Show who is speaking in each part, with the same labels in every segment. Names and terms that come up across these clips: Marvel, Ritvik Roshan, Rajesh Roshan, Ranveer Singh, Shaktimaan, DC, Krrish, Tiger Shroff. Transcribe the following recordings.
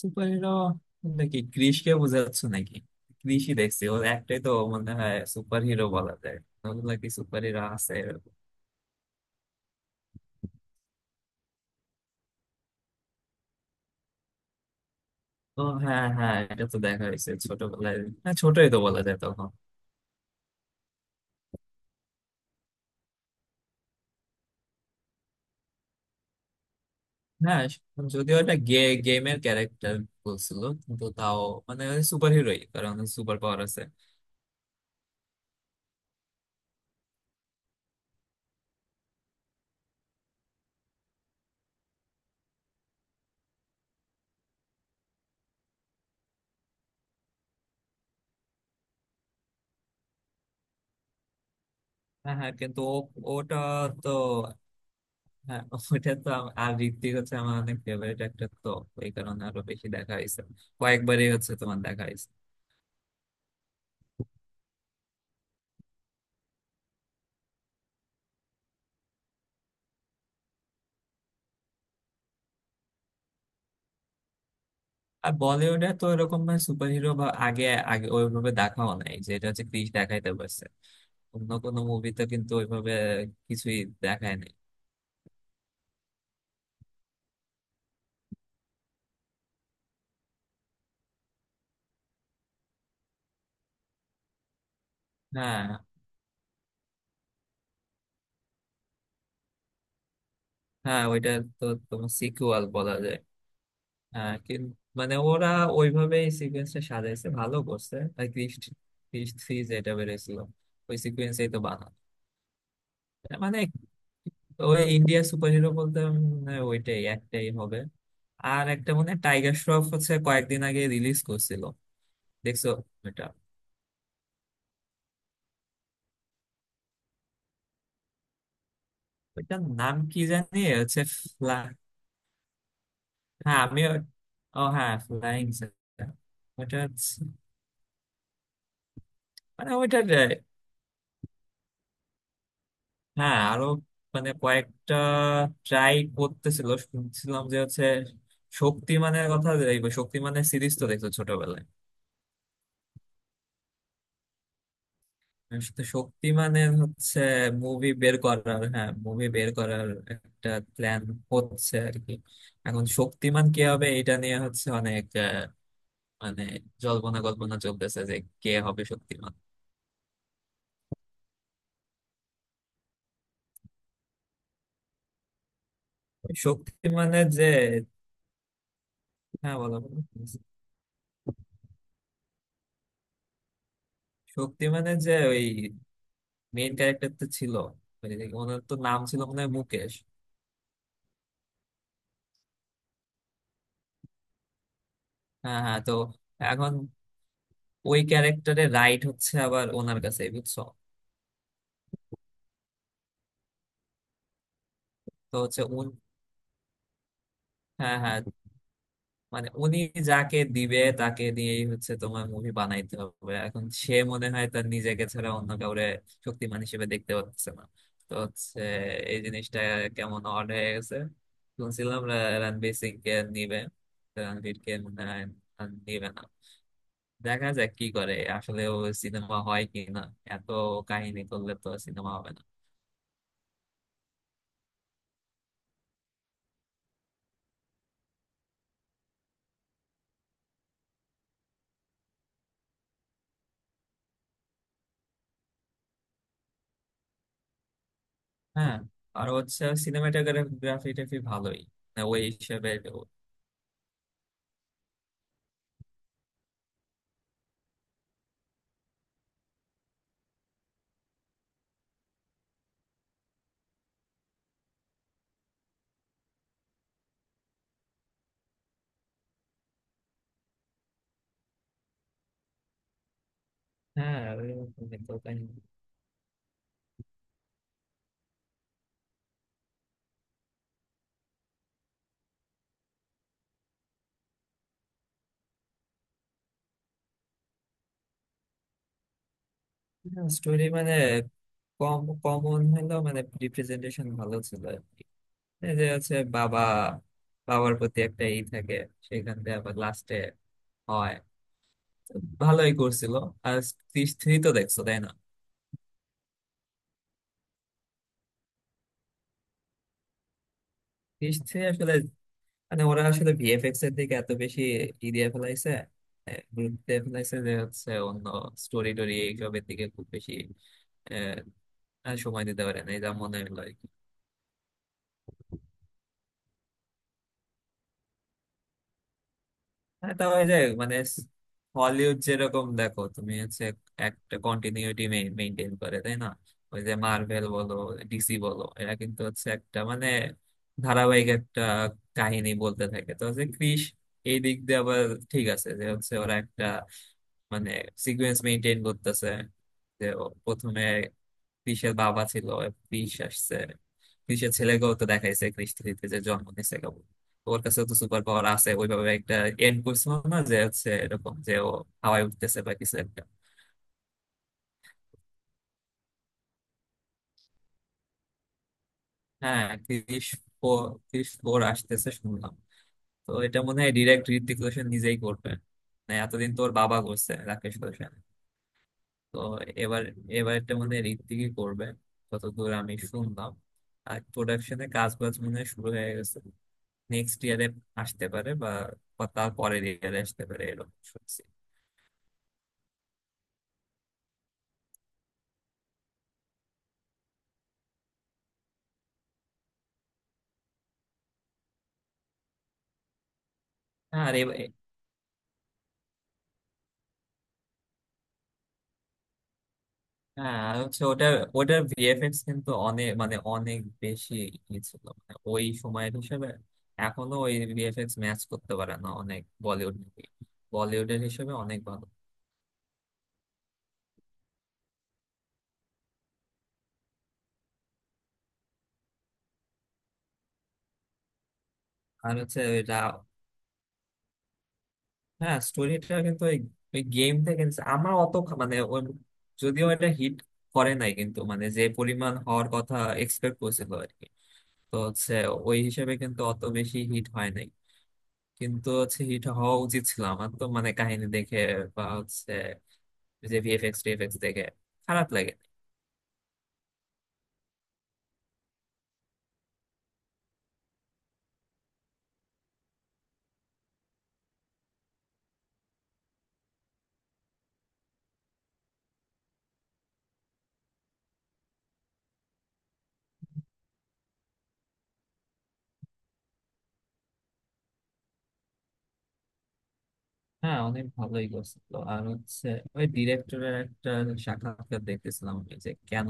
Speaker 1: Super hero? নাকি ক্রিশকে বোঝাচ্ছ নাকি? ক্রিশই দেখছি। ওর একটাই তো মনে হয় সুপার হিরো বলা যায়। ওগুলা কি সুপার হিরো আছে এরকম? ও হ্যাঁ, হ্যাঁ, এটা তো দেখা হয়েছে ছোটবেলায়। হ্যাঁ, ছোটই তো বলা যায় তখন। হ্যাঁ, যদিও এটা গেমের ক্যারেক্টার বলছিল, কিন্তু তাও মানে সুপার হিরোই, কারণ সুপার পাওয়ার আছে। হ্যাঁ, হ্যাঁ, কিন্তু ওটা তো, হ্যাঁ, ওটা তো আর ঋত্বিক হচ্ছে আমার অনেক ফেভারিট একটা তো, এই কারণে আরো বেশি দেখা হয়েছে। কয়েকবারই হচ্ছে তোমার দেখা হয়েছে। আর বলিউডে তো এরকম ভাবে সুপারহিরো বা আগে, আগে ওইভাবে দেখাও নাই, যেটা হচ্ছে ক্রিস দেখাইতে পারছে। অন্য কোনো মুভিতে কিন্তু ওইভাবে কিছুই দেখায় নাই। হ্যাঁ, হ্যাঁ, ওইটা তো তোমার সিকুয়াল বলা যায়। হ্যাঁ, কিন্তু মানে ওরা ওইভাবেই সিকোয়েন্সটা সাজাইছে, ভালো করছে। আর ক্রিস ক্রিস থ্রি যেটা বেরোছিল ওই সিকোয়েন্সেই তো বানানো। মানে ওই ইন্ডিয়া সুপারহিরো বলতে ওইটাই একটাই হবে। আর একটা মানে টাইগার শ্রফ হচ্ছে কয়েকদিন আগে রিলিজ করছিল, দেখছো? ওইটার নাম কি জানি হচ্ছে ফ্লা- হ্যাঁ, আমি ও ও হ্যাঁ, ফ্লাইং। ওটা হচ্ছে- মানে ওইটার হ্যাঁ, আরো মানে কয়েকটা ট্রাই করতেছিল শুনছিলাম, যে হচ্ছে শক্তিমানের কথা। দেখবো, শক্তিমানের সিরিজ তো দেখছো ছোটবেলায়? আসলে শক্তিমানের হচ্ছে মুভি বের করার, হ্যাঁ, মুভি বের করার একটা প্ল্যান হচ্ছে আর কি। এখন শক্তিমান কে হবে এটা নিয়ে হচ্ছে অনেক মানে জল্পনা কল্পনা চলতেছে যে কে হবে শক্তিমান। শক্তিমানের যে, হ্যাঁ, বলো বলো। শক্তিমানের যে ওই মেইন ক্যারেক্টারটা ছিল, ওই যে, ওনার তো নাম ছিল মনে হয় মুকেশ। হ্যাঁ, হ্যাঁ, তো এখন ওই ক্যারেক্টারে রাইট হচ্ছে আবার ওনার কাছে, বুঝছো? তো হচ্ছে হ্যাঁ, হ্যাঁ, মানে উনি যাকে দিবে তাকে দিয়েই হচ্ছে তোমার মুভি বানাইতে হবে। এখন সে মনে হয় তার নিজেকে ছাড়া অন্য কাউরে শক্তিমান হিসেবে দেখতে পাচ্ছে না। তো হচ্ছে এই জিনিসটা কেমন অড হয়ে গেছে। শুনছিলাম রণবীর সিং কে নিবে। তো রণবীর কে মনে হয় আর নিবে না। দেখা যাক কি করে আসলে, ও সিনেমা হয় কি না। এত কাহিনী করলে তো সিনেমা হবে না। হ্যাঁ, আর হচ্ছে সিনেমাটোগ্রাফি টাফি ভালোই, না ওই হিসেবে। হ্যাঁ, ওই রকমই তো কাহিনী। স্টোরি মানে কম, কমন হলেও মানে রিপ্রেজেন্টেশন ভালো ছিল। এই যে হচ্ছে বাবা, বাবার প্রতি একটা ই থাকে, সেখান থেকে আবার লাস্টে হয়, ভালোই করছিল। আর ক্রিস থ্রি তো দেখছো, তাই না? ক্রিস থ্রি আসলে মানে ওরা আসলে ভিএফএক্স এর দিকে এত বেশি ই দিয়ে ফেলাইছে, গুরুত্ব দিয়ে ফেলাইছে, যে হচ্ছে অন্য স্টোরি টোরি এইসবের দিকে খুব বেশি আহ, আর সময় দিতে পারে না, এটা মনে হলো। হ্যাঁ, তো ওই যে মানে হলিউড যেরকম দেখো তুমি, হচ্ছে একটা কন্টিনিউটি মেনটেন করে, তাই না? ওই যে মার্ভেল বলো, ডিসি বলো, এরা কিন্তু হচ্ছে একটা মানে ধারাবাহিক একটা কাহিনী বলতে থাকে। তো হচ্ছে ক্রিস এই দিক দিয়ে আবার ঠিক আছে, যে হচ্ছে ওরা একটা মানে সিকুয়েন্স মেনটেন করতেছে, যে ও প্রথমে কৃষের বাবা ছিল, কৃষ আসছে, কৃষের ছেলেকেও তো দেখাইছে কৃষ থ্রিতে, যে জন্ম নিছে কেবল, ওর কাছে তো সুপার পাওয়ার আছে, ওইভাবে একটা এন্ড করছিল না, যে হচ্ছে এরকম যে ও হাওয়ায় উঠতেছে বা কিছু একটা। হ্যাঁ, ফোর কৃষ ফোর আসতেছে শুনলাম। তো এটা মনে হয় ডিরেক্ট ঋত্বিক রোশন নিজেই করবে। মানে এতদিন তোর বাবা করছে, রাকেশ রোশন। তো এবার এবার এটা মনে হয় ঋত্বিকই করবে, যতদূর আমি শুনলাম। আর প্রোডাকশনে কাজ বাজ মনে হয় শুরু হয়ে গেছে। নেক্সট ইয়ারে আসতে পারে বা তার পরের ইয়ারে আসতে পারে, এরকম শুনছি। হ্যাঁ, আর হ্যাঁ, আর হচ্ছে ওটার ওটার ভিএফএক্স কিন্তু অনেক মানে অনেক বেশি ই ছিল মানে ওই সময়ের হিসেবে। এখনো ওই ভিএফএক্স ম্যাচ করতে পারে না অনেক বলিউড মুভি। বলিউডের হিসেবে অনেক ভালো। আর হচ্ছে এটা, হ্যাঁ, স্টোরিটা কিন্তু ওই ওই গেম থেকে নিছে। আমার অত মানে ওই, যদিও এটা হিট করে নাই, কিন্তু মানে যে পরিমাণ হওয়ার কথা এক্সপেক্ট করছিল, তো হচ্ছে ওই হিসেবে কিন্তু অত বেশি হিট হয় নাই। কিন্তু হচ্ছে হিট হওয়া উচিত ছিল আমার তো, মানে কাহিনী দেখে বা হচ্ছে যে ভিএফএক্স টিএফএক্স দেখে খারাপ লাগে। হ্যাঁ, অনেক ভালোই করছিল। আর হচ্ছে ওই ডিরেক্টরের একটা সাক্ষাৎকার দেখতেছিলাম আমি, যে কেন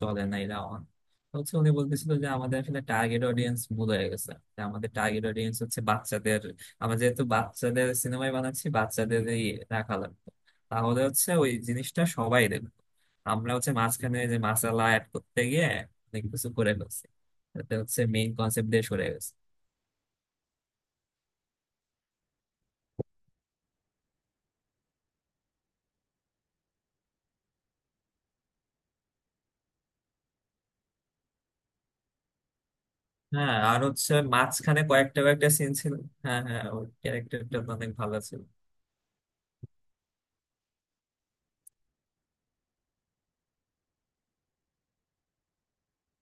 Speaker 1: চলে না এরা on? তো হচ্ছে উনি বলতেছিল যে আমাদের আসলে টার্গেট অডিয়েন্স ভুল হয়ে গেছে, যে আমাদের টার্গেট অডিয়েন্স হচ্ছে বাচ্চাদের। আমরা যেহেতু বাচ্চাদের সিনেমায় বানাচ্ছি, বাচ্চাদেরই রাখা লাগতো, তাহলে হচ্ছে ওই জিনিসটা সবাই দেখবে। আমরা হচ্ছে মাঝখানে যে মাসালা অ্যাড করতে গিয়ে অনেক কিছু করে ফেলছি, তাতে হচ্ছে মেইন কনসেপ্ট দিয়ে সরে গেছে। হ্যাঁ, আর হচ্ছে মাঝখানে কয়েকটা কয়েকটা সিন ছিল। হ্যাঁ, হ্যাঁ, ওর ক্যারেক্টারটা অনেক ভালো ছিল।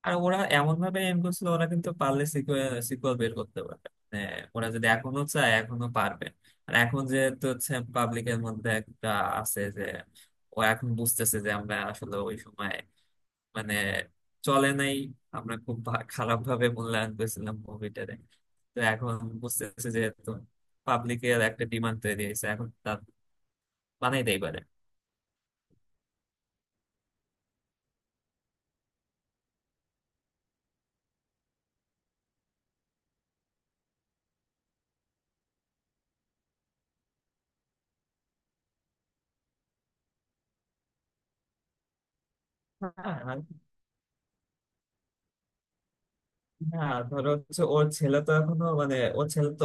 Speaker 1: আর ওরা এমন ভাবে এম করছিল, ওরা কিন্তু পারলে সিকুয়েল বের করতে পারবে। মানে ওরা যদি এখনো চায়, এখনো পারবে। আর এখন যেহেতু হচ্ছে পাবলিকের মধ্যে একটা আছে, যে ও এখন বুঝতেছে যে আমরা আসলে ওই সময় মানে চলে নাই, আমরা খুব খারাপ ভাবে মূল্যায়ন করেছিলাম মুভিটারে। তো এখন বুঝতেছে যেহেতু পাবলিকের একটা ডিমান্ড তৈরি হয়েছে, এখন বানাইতেই পারে। আর না, ধরো হচ্ছে ওর ছেলে তো এখনো মানে ওর ছেলে তো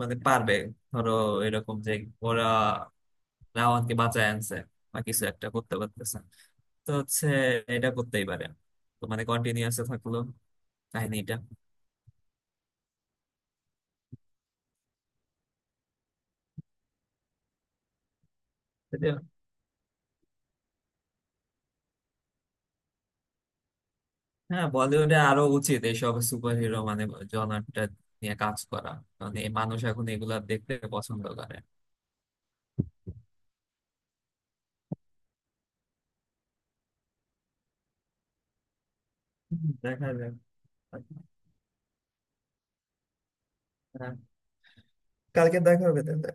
Speaker 1: মানে পারবে। ধরো এরকম যে ওরা রাওয়ানকে বাঁচায় আনছে বা কিছু একটা করতে পারতেছে, তো হচ্ছে এটা করতেই পারে, তো মানে কন্টিনিউয়াস থাকলো কাহিনীটা। হ্যাঁ, বলিউডে আরো উচিত এইসব সুপার হিরো মানে জনারটা নিয়ে কাজ করা। মানে এই মানুষ এখন এগুলা দেখতে পছন্দ করে। হুম, দেখা যাবে। হ্যাঁ, কালকে দেখা হবে তাহলে।